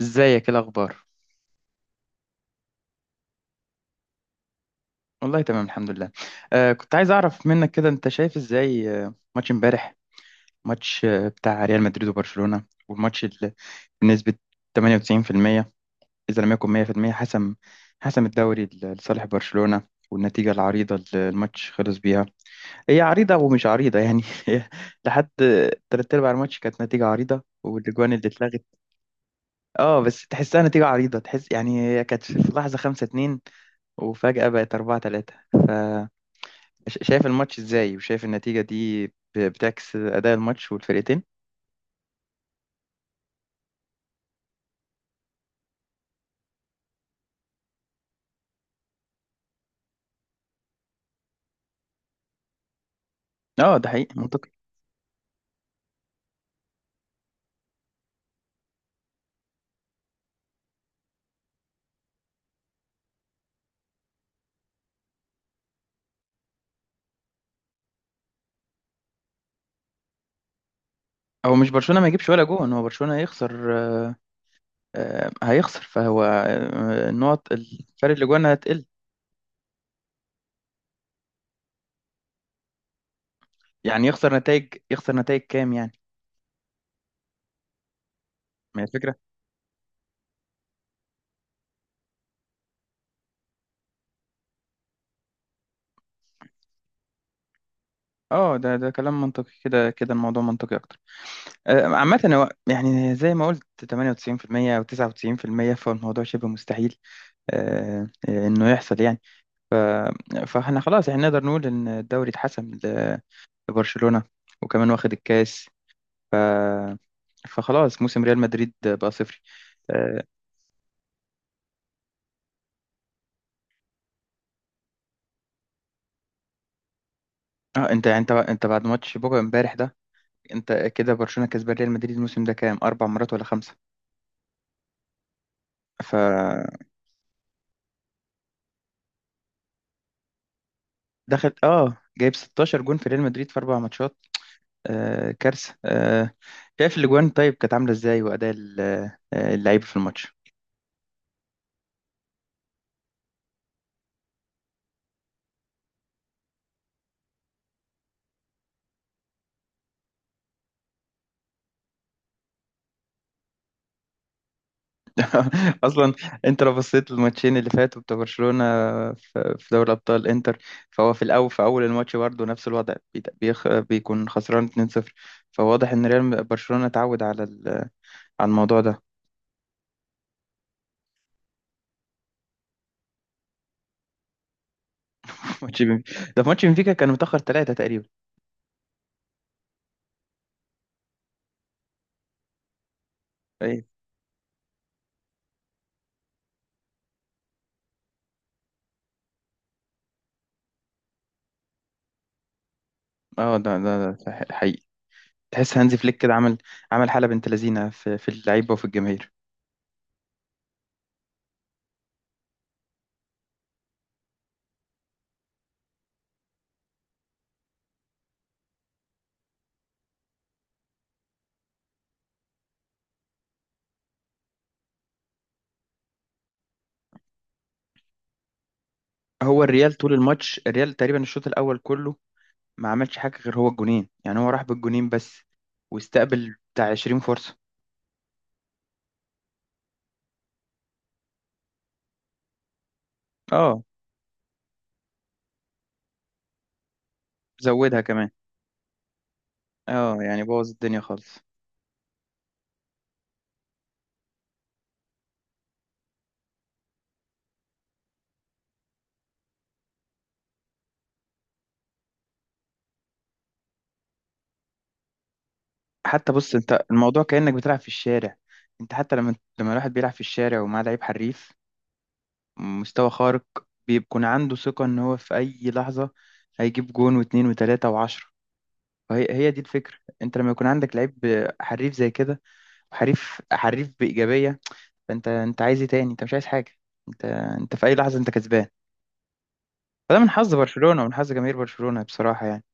ازيك، ايه الاخبار؟ والله تمام الحمد لله. كنت عايز اعرف منك كده، انت شايف ازاي ماتش امبارح؟ ماتش بتاع ريال مدريد وبرشلونة، والماتش اللي بنسبة 98% اذا لم يكن 100% حسم، حسم الدوري لصالح برشلونة. والنتيجة العريضة اللي الماتش خلص بيها، هي عريضة ومش عريضة يعني. هي لحد تلات أرباع الماتش كانت نتيجة عريضة، والأجوان اللي اتلغت. اه، بس تحسها نتيجة عريضة، تحس يعني. هي كانت في لحظة خمسة اتنين وفجأة بقت أربعة تلاتة. شايف الماتش ازاي؟ وشايف النتيجة دي بتعكس أداء الماتش والفرقتين؟ اه ده حقيقي منطقي. هو مش برشلونة ما يجيبش ولا جون، هو برشلونة هيخسر، هيخسر. فهو النقط، الفرق اللي جوانا هتقل. يعني يخسر نتائج، يخسر نتائج كام يعني؟ ما هي الفكرة. اه ده ده كلام منطقي، كده كده الموضوع منطقي اكتر. عامة هو يعني زي ما قلت 98% او 99%، فالموضوع شبه مستحيل انه يحصل يعني. ف- فاحنا خلاص يعني نقدر نقول ان الدوري اتحسم لبرشلونة، وكمان واخد الكاس. ف... فخلاص موسم ريال مدريد بقى صفري. اه. انت بعد ماتش بوجا امبارح ده، انت كده برشلونة كسبان ريال مدريد الموسم ده كام، اربع مرات ولا خمسة؟ فدخل. اه جايب 16 جون في ريال مدريد في اربع ماتشات. آه كارثة آه. شايف الاجوان طيب كانت عاملة ازاي، واداء اللعيبة في الماتش؟ اصلا انت لو بصيت للماتشين اللي فاتوا بتاع برشلونه في دوري ابطال انتر، فهو في الاول، في اول الماتش برضه نفس الوضع بيكون خسران 2-0. فواضح ان ريال برشلونه اتعود على على الموضوع ده. ماتش بن- ده في ماتش بنفيكا كان متاخر ثلاثه تقريبا. أي- اه حقيقي. تحس هانزي فليك كده عمل، عمل حاله بنت لذينه في اللعيبه وفي الجماهير. هو الريال طول الماتش، الريال تقريبا الشوط الاول كله ما عملش حاجة غير هو الجونين، يعني هو راح بالجونين بس، واستقبل بتاع 20 فرصة. اه زودها كمان. اه يعني بوظ الدنيا خالص. حتى بص، انت الموضوع كأنك بتلعب في الشارع. انت حتى لما الواحد بيلعب في الشارع ومعاه لعيب حريف، مستوى خارق، بيكون عنده ثقة ان هو في اي لحظة هيجيب جون واتنين وتلاتة وعشرة. وهي هي دي الفكرة. انت لما يكون عندك لعيب حريف زي كده، وحريف بإيجابية، فانت عايز ايه تاني؟ انت مش عايز حاجة. انت، انت في اي لحظة انت كسبان. فده من حظ برشلونة ومن حظ جماهير برشلونة بصراحة يعني.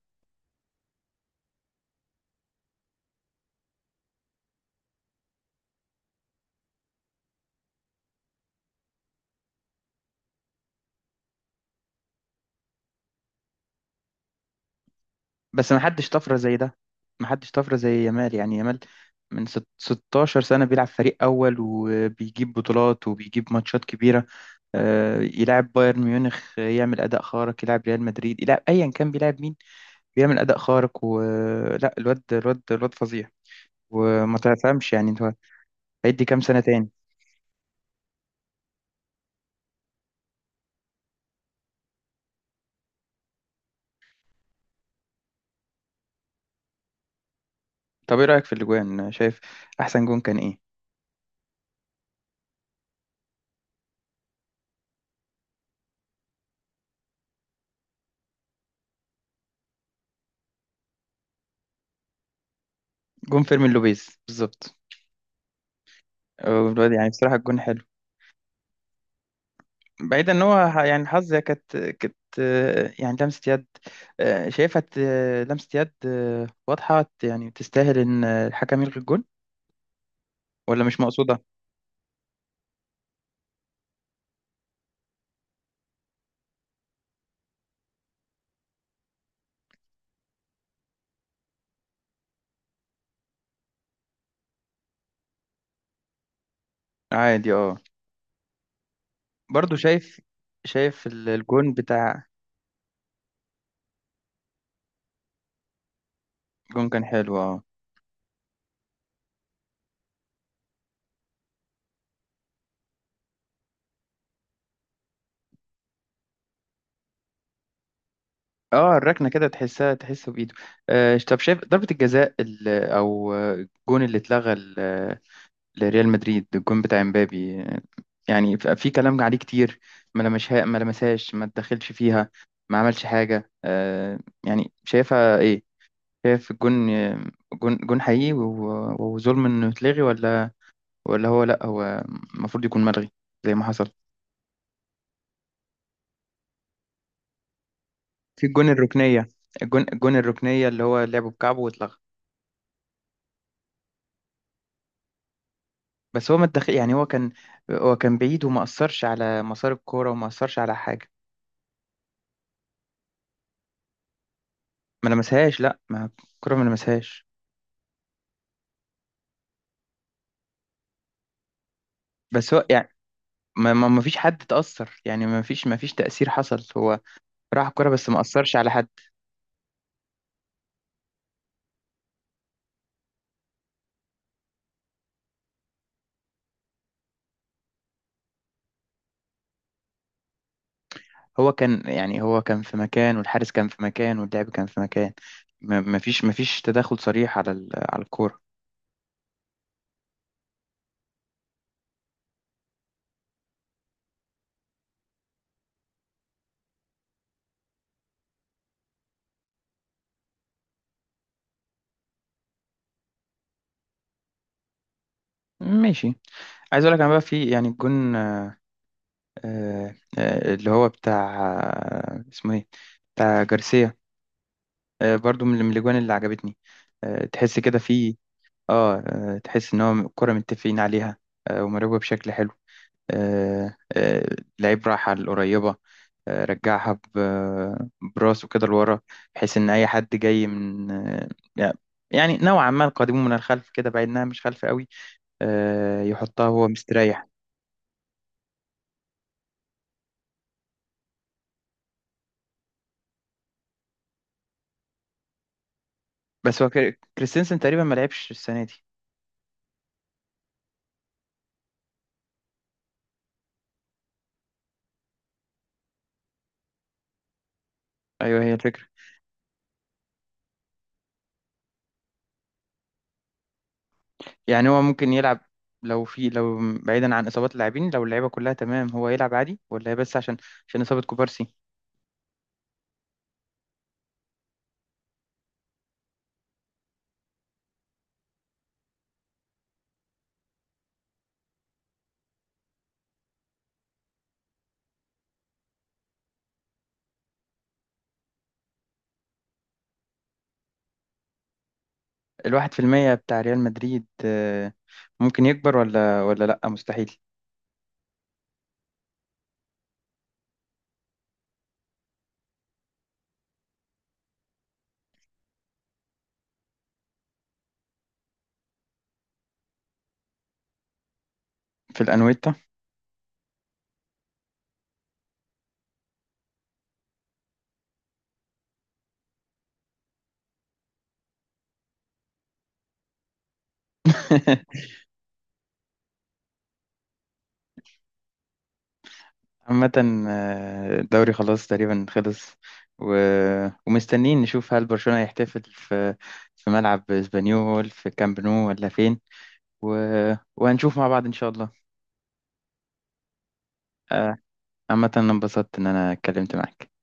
بس ما حدش طفرة زي ده، ما حدش طفرة زي يامال. يعني يامال من 16 سنة بيلعب فريق أول، وبيجيب بطولات وبيجيب ماتشات كبيرة. يلعب بايرن ميونخ يعمل أداء خارق، يلعب ريال مدريد، يلعب أيا كان، بيلعب مين بيعمل أداء خارق. ولا الواد، الواد فظيع. وما تفهمش يعني انت هيدي كام سنة تاني. طب ايه رأيك في الأجوان؟ شايف أحسن جون كان ايه؟ جون فيرمين لوبيز بالظبط. الواد يعني بصراحة الجون حلو. بعيدا ان هو يعني حظ، هي كانت يعني لمسة يد. شايفها لمسة يد واضحة، يعني تستاهل ان الحكم يلغي الجون، ولا مش مقصودة؟ عادي اه. برضو شايف، شايف الجون بتاع، الجون كان حلو اه. اه الركنة كده تحسها، تحسه بإيده. طب شايف ضربة الجزاء او الجون اللي اتلغى لريال مدريد، الجون بتاع امبابي؟ يعني في كلام عليه كتير. ما لمسها، ما لمسهاش، ما اتدخلش فيها، ما عملش حاجة. يعني شايفها ايه؟ شايف الجون، جون جون حقيقي وظلم انه يتلغي، ولا، ولا هو، لا هو المفروض يكون ملغي زي ما حصل؟ في الجون الركنية، الجون الركنية اللي هو لعبه بكعبه واتلغى. بس هو ما اتدخل يعني. هو كان، هو كان بعيد وما أثرش على مسار الكورة وما أثرش على حاجة. ما لمسهاش، لا ما الكورة ما لمسهاش. بس هو ما فيش حد تأثر يعني، ما فيش تأثير حصل. هو راح الكرة بس ما أثرش على حد. هو كان، يعني هو كان في مكان، والحارس كان في مكان، واللاعب كان في مكان. ما فيش، ما فيش تدخل صريح على على الكورة. ماشي. عايز اقول لك انا بقى في، يعني الجون اللي هو بتاع اسمه ايه، بتاع جارسيا، برضو من الاجوان اللي عجبتني. تحس كده في، اه تحس ان هو الكرة متفقين عليها ومراقبة بشكل حلو. آه، آه، لعيب راح على القريبة، رجعها براسه كده لورا، بحيث إن أي حد جاي من يعني يعني نوعا ما قادمون من الخلف كده، بعيدناها، مش خلف قوي، يحطها وهو مستريح. بس هو كريستنسن تقريبا ما لعبش السنة دي. أيوه هي الفكرة. يعني هو ممكن يلعب، لو في، لو بعيدا عن إصابات اللاعبين، لو اللعيبة كلها تمام هو يلعب عادي، ولا هي بس عشان، عشان إصابة كوبارسي؟ الواحد في المية بتاع ريال مدريد ممكن يكبر، ولا لأ مستحيل؟ في الأنويتا. عامة الدوري خلاص تقريبا خلص. و... ومستنيين نشوف هل برشلونة هيحتفل في، في ملعب اسبانيول، في كامب نو، ولا فين. و... وهنشوف مع بعض إن شاء الله. آه، عامة أنا انبسطت إن أنا اتكلمت معاك.